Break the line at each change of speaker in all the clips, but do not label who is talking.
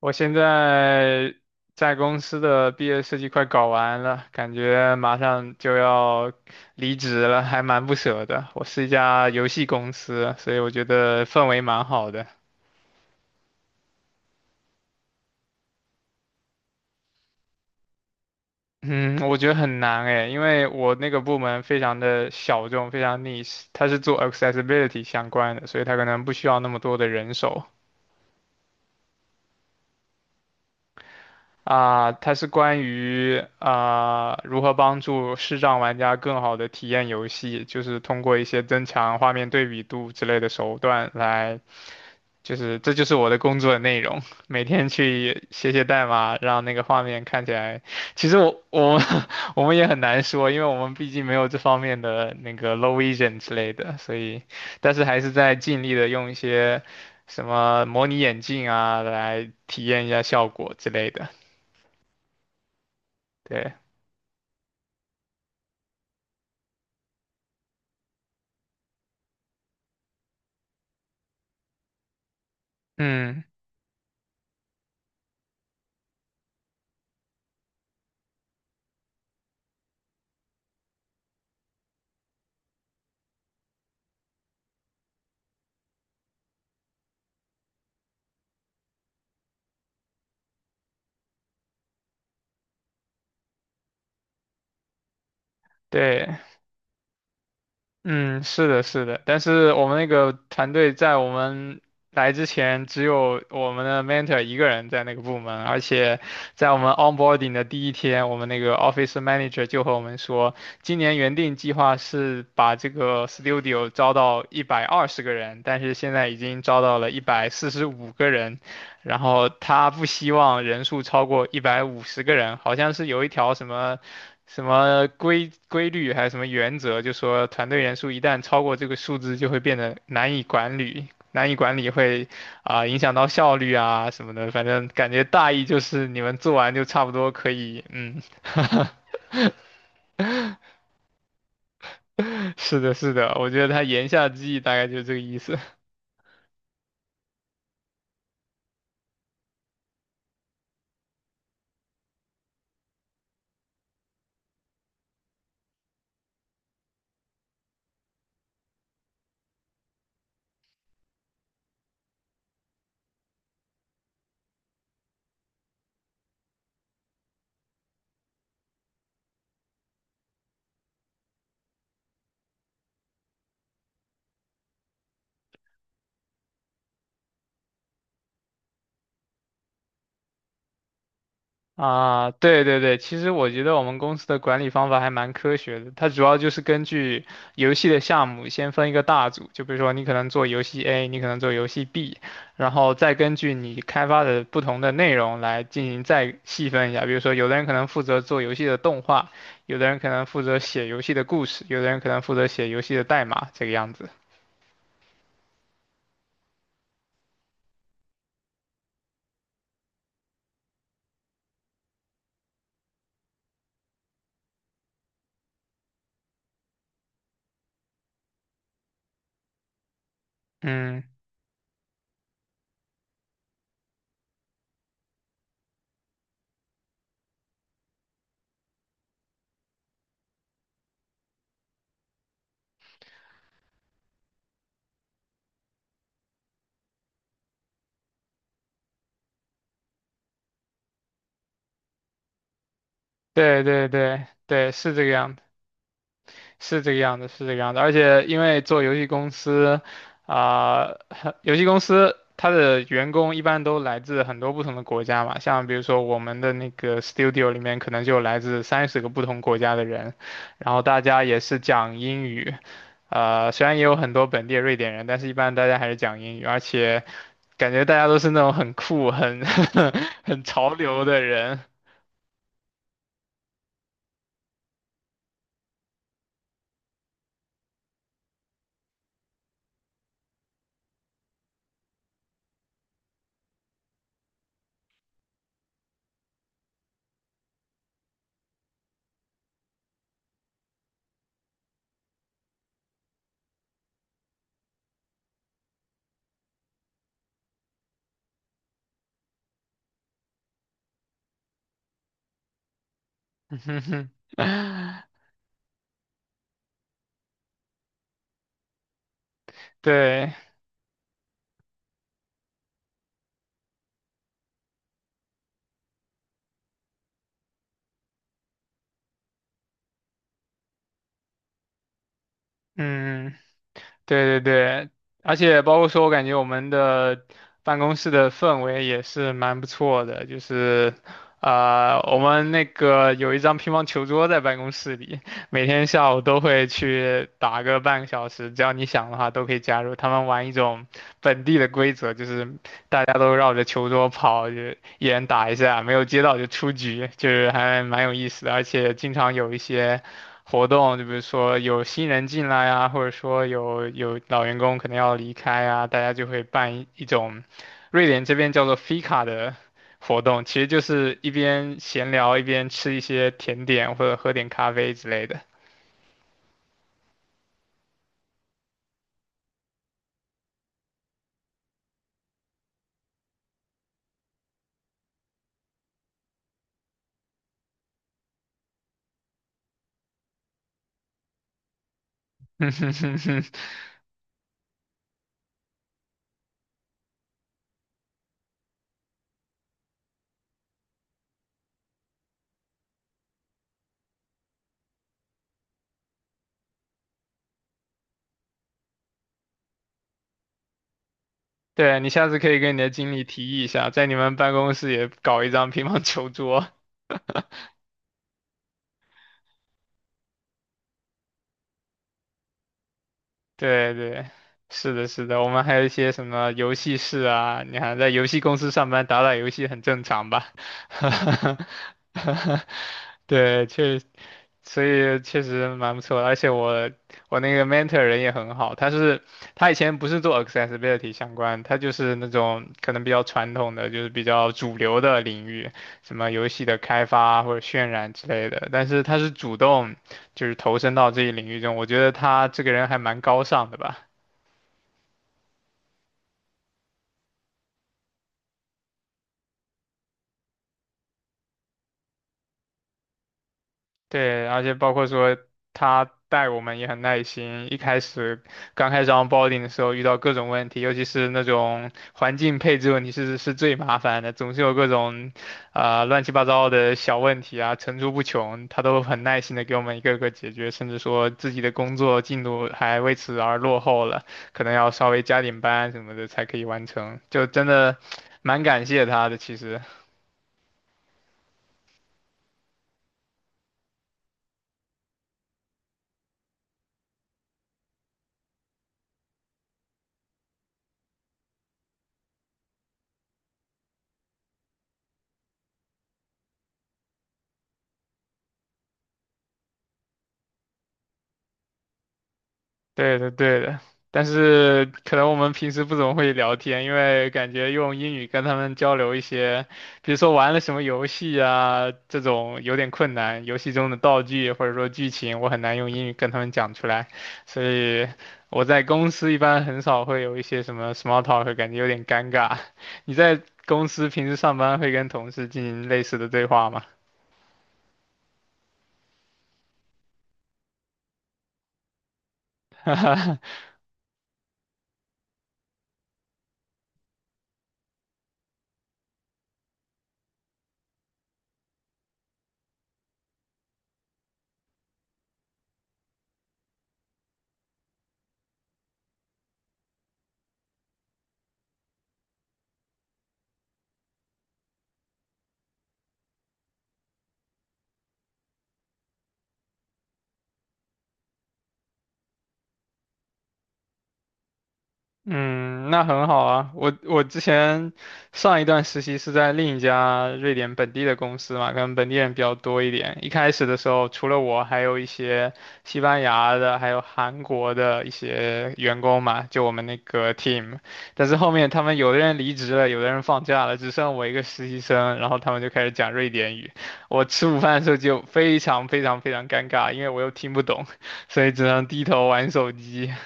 我现在在公司的毕业设计快搞完了，感觉马上就要离职了，还蛮不舍的。我是一家游戏公司，所以我觉得氛围蛮好的。嗯，我觉得很难诶，因为我那个部门非常的小众，非常 niche，它是做 accessibility 相关的，所以它可能不需要那么多的人手。啊，它是关于如何帮助视障玩家更好的体验游戏，就是通过一些增强画面对比度之类的手段来，就是这就是我的工作内容，每天去写写代码，让那个画面看起来。其实我我们 我们也很难说，因为我们毕竟没有这方面的那个 low vision 之类的，所以但是还是在尽力的用一些什么模拟眼镜啊来体验一下效果之类的，对。嗯，对，嗯，是的，是的，但是我们那个团队在我们来之前，只有我们的 mentor 一个人在那个部门，而且在我们 onboarding 的第一天，我们那个 office manager 就和我们说，今年原定计划是把这个 studio 招到120个人，但是现在已经招到了145个人，然后他不希望人数超过150个人，好像是有一条什么。什么规律还是什么原则，就说团队人数一旦超过这个数字，就会变得难以管理，难以管理会影响到效率啊什么的。反正感觉大意就是你们做完就差不多可以，嗯，是的，是的，我觉得他言下之意大概就是这个意思。啊，对对对，其实我觉得我们公司的管理方法还蛮科学的，它主要就是根据游戏的项目先分一个大组，就比如说你可能做游戏 A，你可能做游戏 B，然后再根据你开发的不同的内容来进行再细分一下，比如说有的人可能负责做游戏的动画，有的人可能负责写游戏的故事，有的人可能负责写游戏的代码，这个样子。嗯，对对对对，是这个样子。是这个样子，是这个样子。而且因为做游戏公司，啊、游戏公司它的员工一般都来自很多不同的国家嘛，像比如说我们的那个 studio 里面可能就有来自30个不同国家的人，然后大家也是讲英语，虽然也有很多本地的瑞典人，但是一般大家还是讲英语，而且感觉大家都是那种很酷、很 很潮流的人。对，嗯。对对对，而且包括说，我感觉我们的办公室的氛围也是蛮不错的，就是，我们那个有一张乒乓球桌在办公室里，每天下午都会去打个半个小时，只要你想的话都可以加入。他们玩一种本地的规则，就是大家都绕着球桌跑，就一人打一下，没有接到就出局，就是还蛮有意思的，而且经常有一些。活动，就比如说有新人进来啊，或者说有老员工可能要离开啊，大家就会办一种瑞典这边叫做 f 卡的活动，其实就是一边闲聊一边吃一些甜点或者喝点咖啡之类的。哼哼哼哼，对，你下次可以跟你的经理提议一下，在你们办公室也搞一张乒乓球桌。对对，是的，是的，我们还有一些什么游戏室啊，你看，在游戏公司上班，打打游戏很正常吧？对，确，实，所以确实蛮不错的，而且我那个 mentor 人也很好，他以前不是做 accessibility 相关，他就是那种可能比较传统的，就是比较主流的领域，什么游戏的开发或者渲染之类的，但是他是主动。就是投身到这一领域中，我觉得他这个人还蛮高尚的吧。对，而且包括说他带我们也很耐心，一开始刚开始 onboarding 的时候遇到各种问题，尤其是那种环境配置问题是最麻烦的，总是有各种乱七八糟的小问题啊层出不穷，他都很耐心的给我们一个个解决，甚至说自己的工作进度还为此而落后了，可能要稍微加点班什么的才可以完成，就真的蛮感谢他的，其实。对的，对的，但是可能我们平时不怎么会聊天，因为感觉用英语跟他们交流一些，比如说玩了什么游戏啊，这种有点困难。游戏中的道具或者说剧情，我很难用英语跟他们讲出来，所以我在公司一般很少会有一些什么 small talk，感觉有点尴尬。你在公司平时上班会跟同事进行类似的对话吗？嗯，那很好啊。我之前上一段实习是在另一家瑞典本地的公司嘛，可能本地人比较多一点。一开始的时候，除了我，还有一些西班牙的，还有韩国的一些员工嘛，就我们那个 team。但是后面他们有的人离职了，有的人放假了，只剩我一个实习生，然后他们就开始讲瑞典语。我吃午饭的时候就非常非常非常尴尬，因为我又听不懂，所以只能低头玩手机。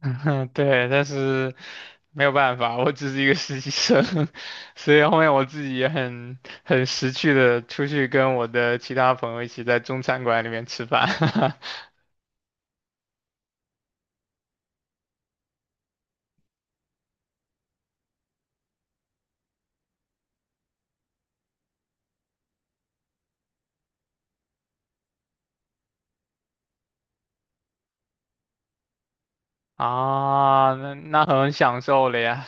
嗯，对，但是。没有办法，我只是一个实习生，所以后面我自己也很识趣的出去跟我的其他朋友一起在中餐馆里面吃饭，啊，那很享受了呀，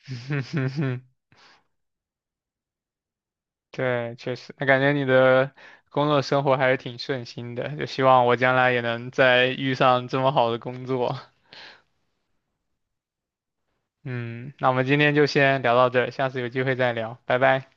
哼哼哼对，确实，那感觉你的工作生活还是挺顺心的，就希望我将来也能再遇上这么好的工作，嗯，那我们今天就先聊到这儿，下次有机会再聊，拜拜。